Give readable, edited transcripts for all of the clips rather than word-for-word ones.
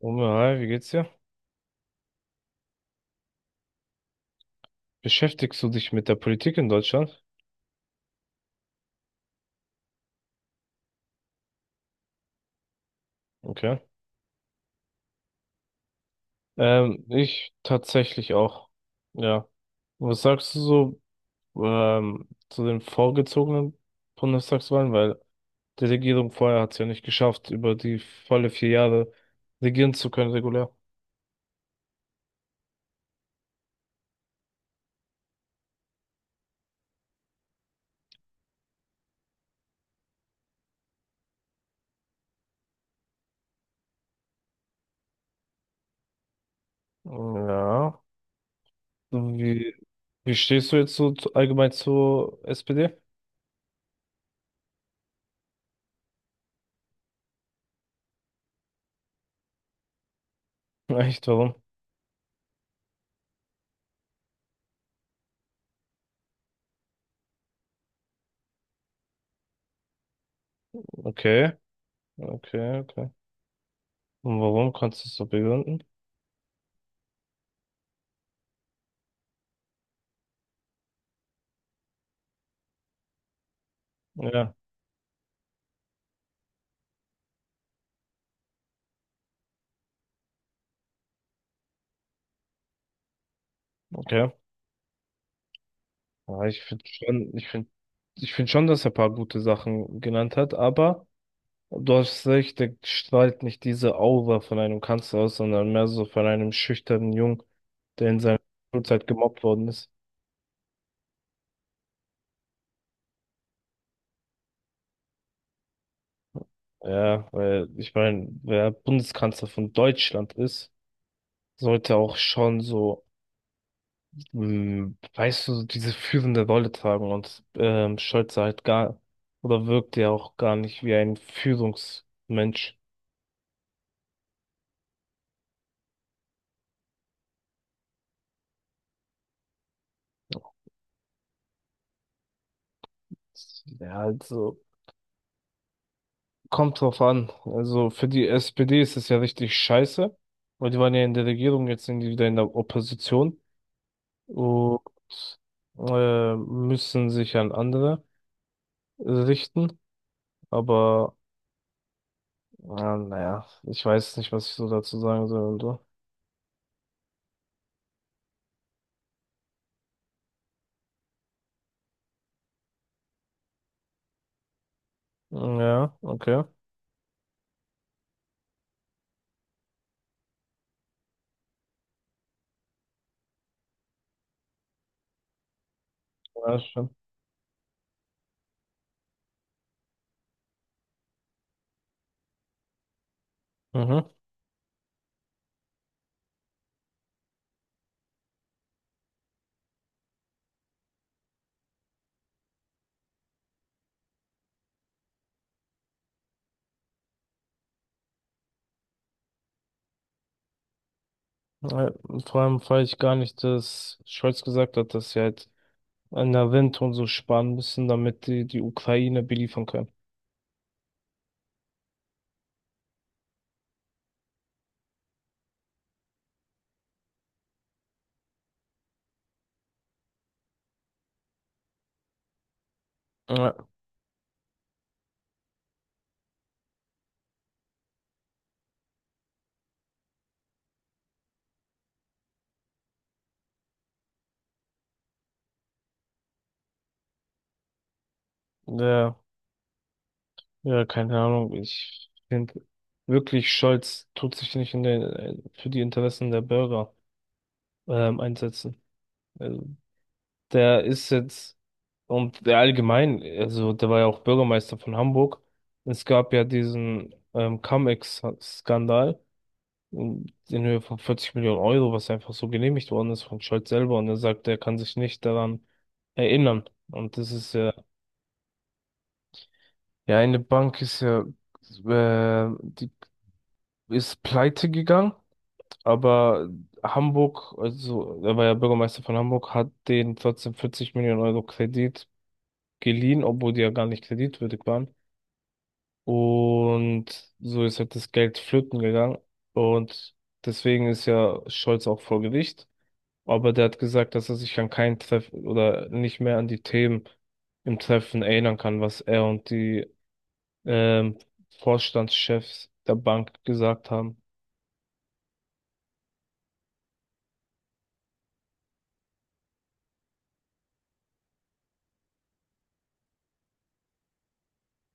Wumme, hi, wie geht's dir? Beschäftigst du dich mit der Politik in Deutschland? Okay. Ich tatsächlich auch. Ja. Was sagst du so zu den vorgezogenen Bundestagswahlen? Weil die Regierung vorher hat es ja nicht geschafft, über die volle 4 Jahre regieren zu können, regulär. Ja. Wie, wie stehst du jetzt so allgemein zur SPD? Echt, warum? Okay, okay, okay. Und warum? Kannst du es so begründen? Ja, okay. Ja, ich finde schon, dass er ein paar gute Sachen genannt hat, aber du hast recht, der strahlt nicht diese Aura von einem Kanzler aus, sondern mehr so von einem schüchternen Jungen, der in seiner Schulzeit gemobbt worden ist. Ja, weil ich meine, wer Bundeskanzler von Deutschland ist, sollte auch schon so, weißt du, diese führende Rolle tragen und Scholz sah halt gar, oder wirkt ja auch gar nicht wie ein Führungsmensch. Ja, also. Kommt drauf an. Also für die SPD ist es ja richtig scheiße, weil die waren ja in der Regierung, jetzt sind die wieder in der Opposition und müssen sich an andere richten. Aber ja, naja, ich weiß nicht, was ich so dazu sagen soll und so. Ja, okay. Ja, schon. Mhm. Ja, vor allem fand ich gar nicht, dass Scholz gesagt hat, dass sie halt an der Rente und so sparen müssen, damit die Ukraine beliefern können. Ja, ja. Ja, keine Ahnung. Ich finde wirklich, Scholz tut sich nicht für die Interessen der Bürger einsetzen. Also, der ist jetzt und der allgemein, also der war ja auch Bürgermeister von Hamburg. Es gab ja diesen Cum-Ex-Skandal in Höhe von 40 Millionen Euro, was einfach so genehmigt worden ist von Scholz selber. Und er sagt, er kann sich nicht daran erinnern. Und das ist ja, eine Bank ist ja, die ist pleite gegangen. Aber Hamburg, also er war ja Bürgermeister von Hamburg, hat denen trotzdem 40 Millionen Euro Kredit geliehen, obwohl die ja gar nicht kreditwürdig waren. Und so ist halt das Geld flöten gegangen. Und deswegen ist ja Scholz auch vor Gericht. Aber der hat gesagt, dass er sich an keinen Treffen oder nicht mehr an die Themen im Treffen erinnern kann, was er und die ähm, Vorstandschefs der Bank gesagt haben.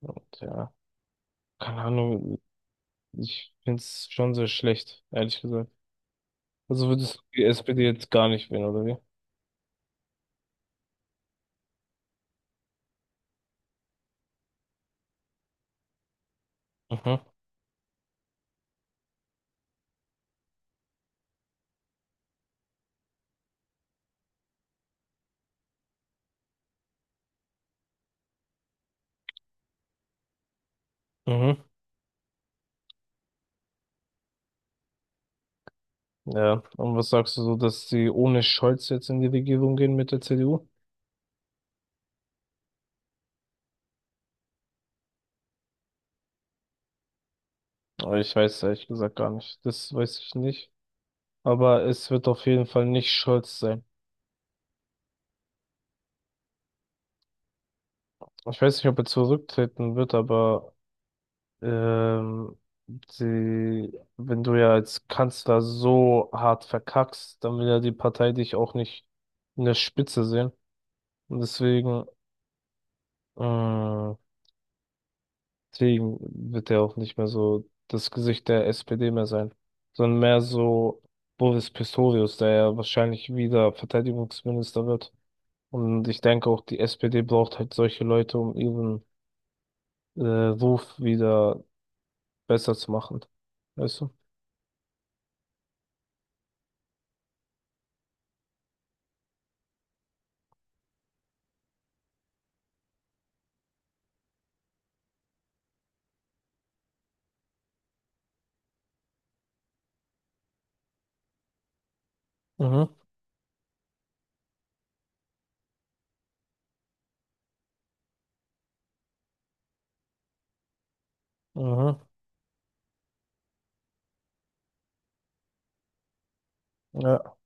Und ja, keine Ahnung. Ich finde es schon sehr schlecht, ehrlich gesagt. Also würdest du die SPD jetzt gar nicht wählen, oder wie? Mhm. Mhm. Ja, und was sagst du so, dass sie ohne Scholz jetzt in die Regierung gehen mit der CDU? Aber ich weiß es ehrlich gesagt gar nicht. Das weiß ich nicht. Aber es wird auf jeden Fall nicht Scholz sein. Ich weiß nicht, ob er zurücktreten wird, aber ähm, sie, wenn du ja als Kanzler so hart verkackst, dann will ja die Partei dich auch nicht in der Spitze sehen. Und deswegen Mm, Deswegen wird er auch nicht mehr so das Gesicht der SPD mehr sein, sondern mehr so Boris Pistorius, der ja wahrscheinlich wieder Verteidigungsminister wird. Und ich denke auch, die SPD braucht halt solche Leute, um ihren Ruf wieder besser zu machen. Weißt du? Mhm, mhm, ja,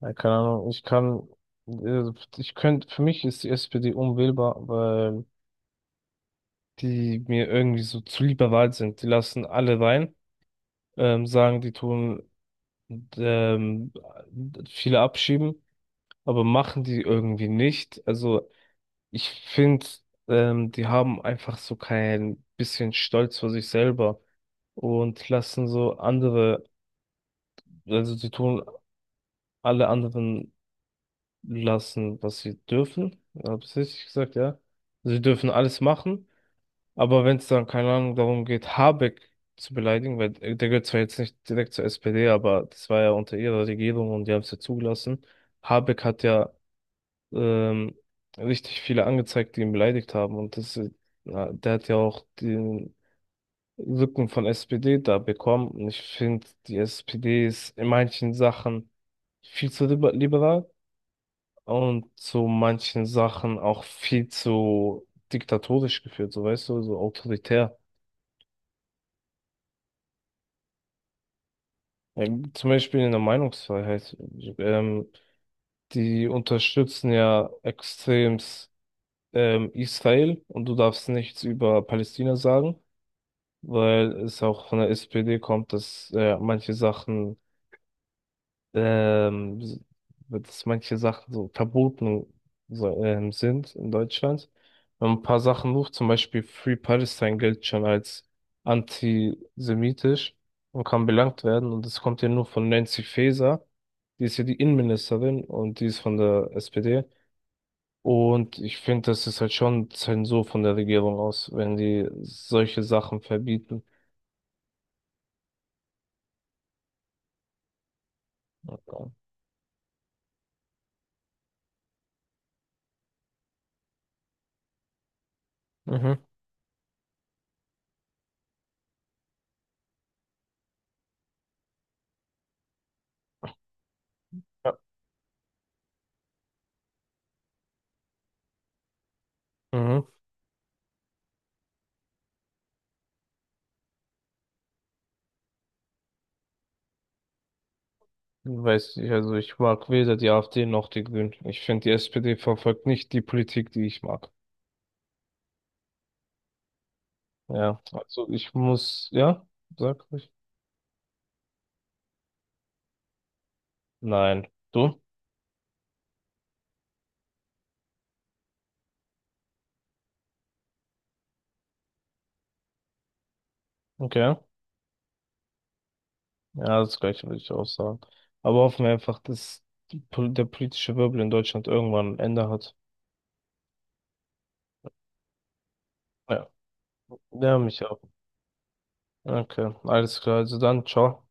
ja, keine Ahnung. Ich kann, äh, ich könnte, für mich ist die SPD unwählbar, weil die mir irgendwie so zu liberal sind. Die lassen alle rein. Sagen, die tun ähm, viele abschieben, aber machen die irgendwie nicht. Also ich finde, die haben einfach so kein bisschen Stolz vor sich selber und lassen so andere, also die tun alle anderen lassen, was sie dürfen. Habe ich richtig gesagt, ja? Sie dürfen alles machen. Aber wenn es dann, keine Ahnung, darum geht, Habeck zu beleidigen, weil der gehört zwar jetzt nicht direkt zur SPD, aber das war ja unter ihrer Regierung und die haben es ja zugelassen. Habeck hat ja ähm, richtig viele angezeigt, die ihn beleidigt haben. Und das, na, der hat ja auch den Rücken von SPD da bekommen. Und ich finde, die SPD ist in manchen Sachen viel zu liberal und zu manchen Sachen auch viel zu diktatorisch geführt, so weißt du, so autoritär. Ja, zum Beispiel in der Meinungsfreiheit. Ähm, die unterstützen ja extremst Israel und du darfst nichts über Palästina sagen, weil es auch von der SPD kommt, ähm, dass manche Sachen so verboten so, sind in Deutschland. Und ein paar Sachen hoch, zum Beispiel Free Palestine gilt schon als antisemitisch und kann belangt werden. Und das kommt ja nur von Nancy Faeser. Die ist ja die Innenministerin und die ist von der SPD. Und ich finde, das ist halt schon Zensur von der Regierung aus, wenn die solche Sachen verbieten. Mhm. Ja. Mhm. Weiß ich, also ich mag weder die AfD noch die Grünen. Ich finde, die SPD verfolgt nicht die Politik, die ich mag. Ja, also ich muss, ja, sag ich. Nein. Du? Okay. Ja, das gleiche würde ich auch sagen. Aber hoffen wir einfach, dass der politische Wirbel in Deutschland irgendwann ein Ende hat. Ja. Ja, mich auch. Okay, alles klar. Also dann, ciao.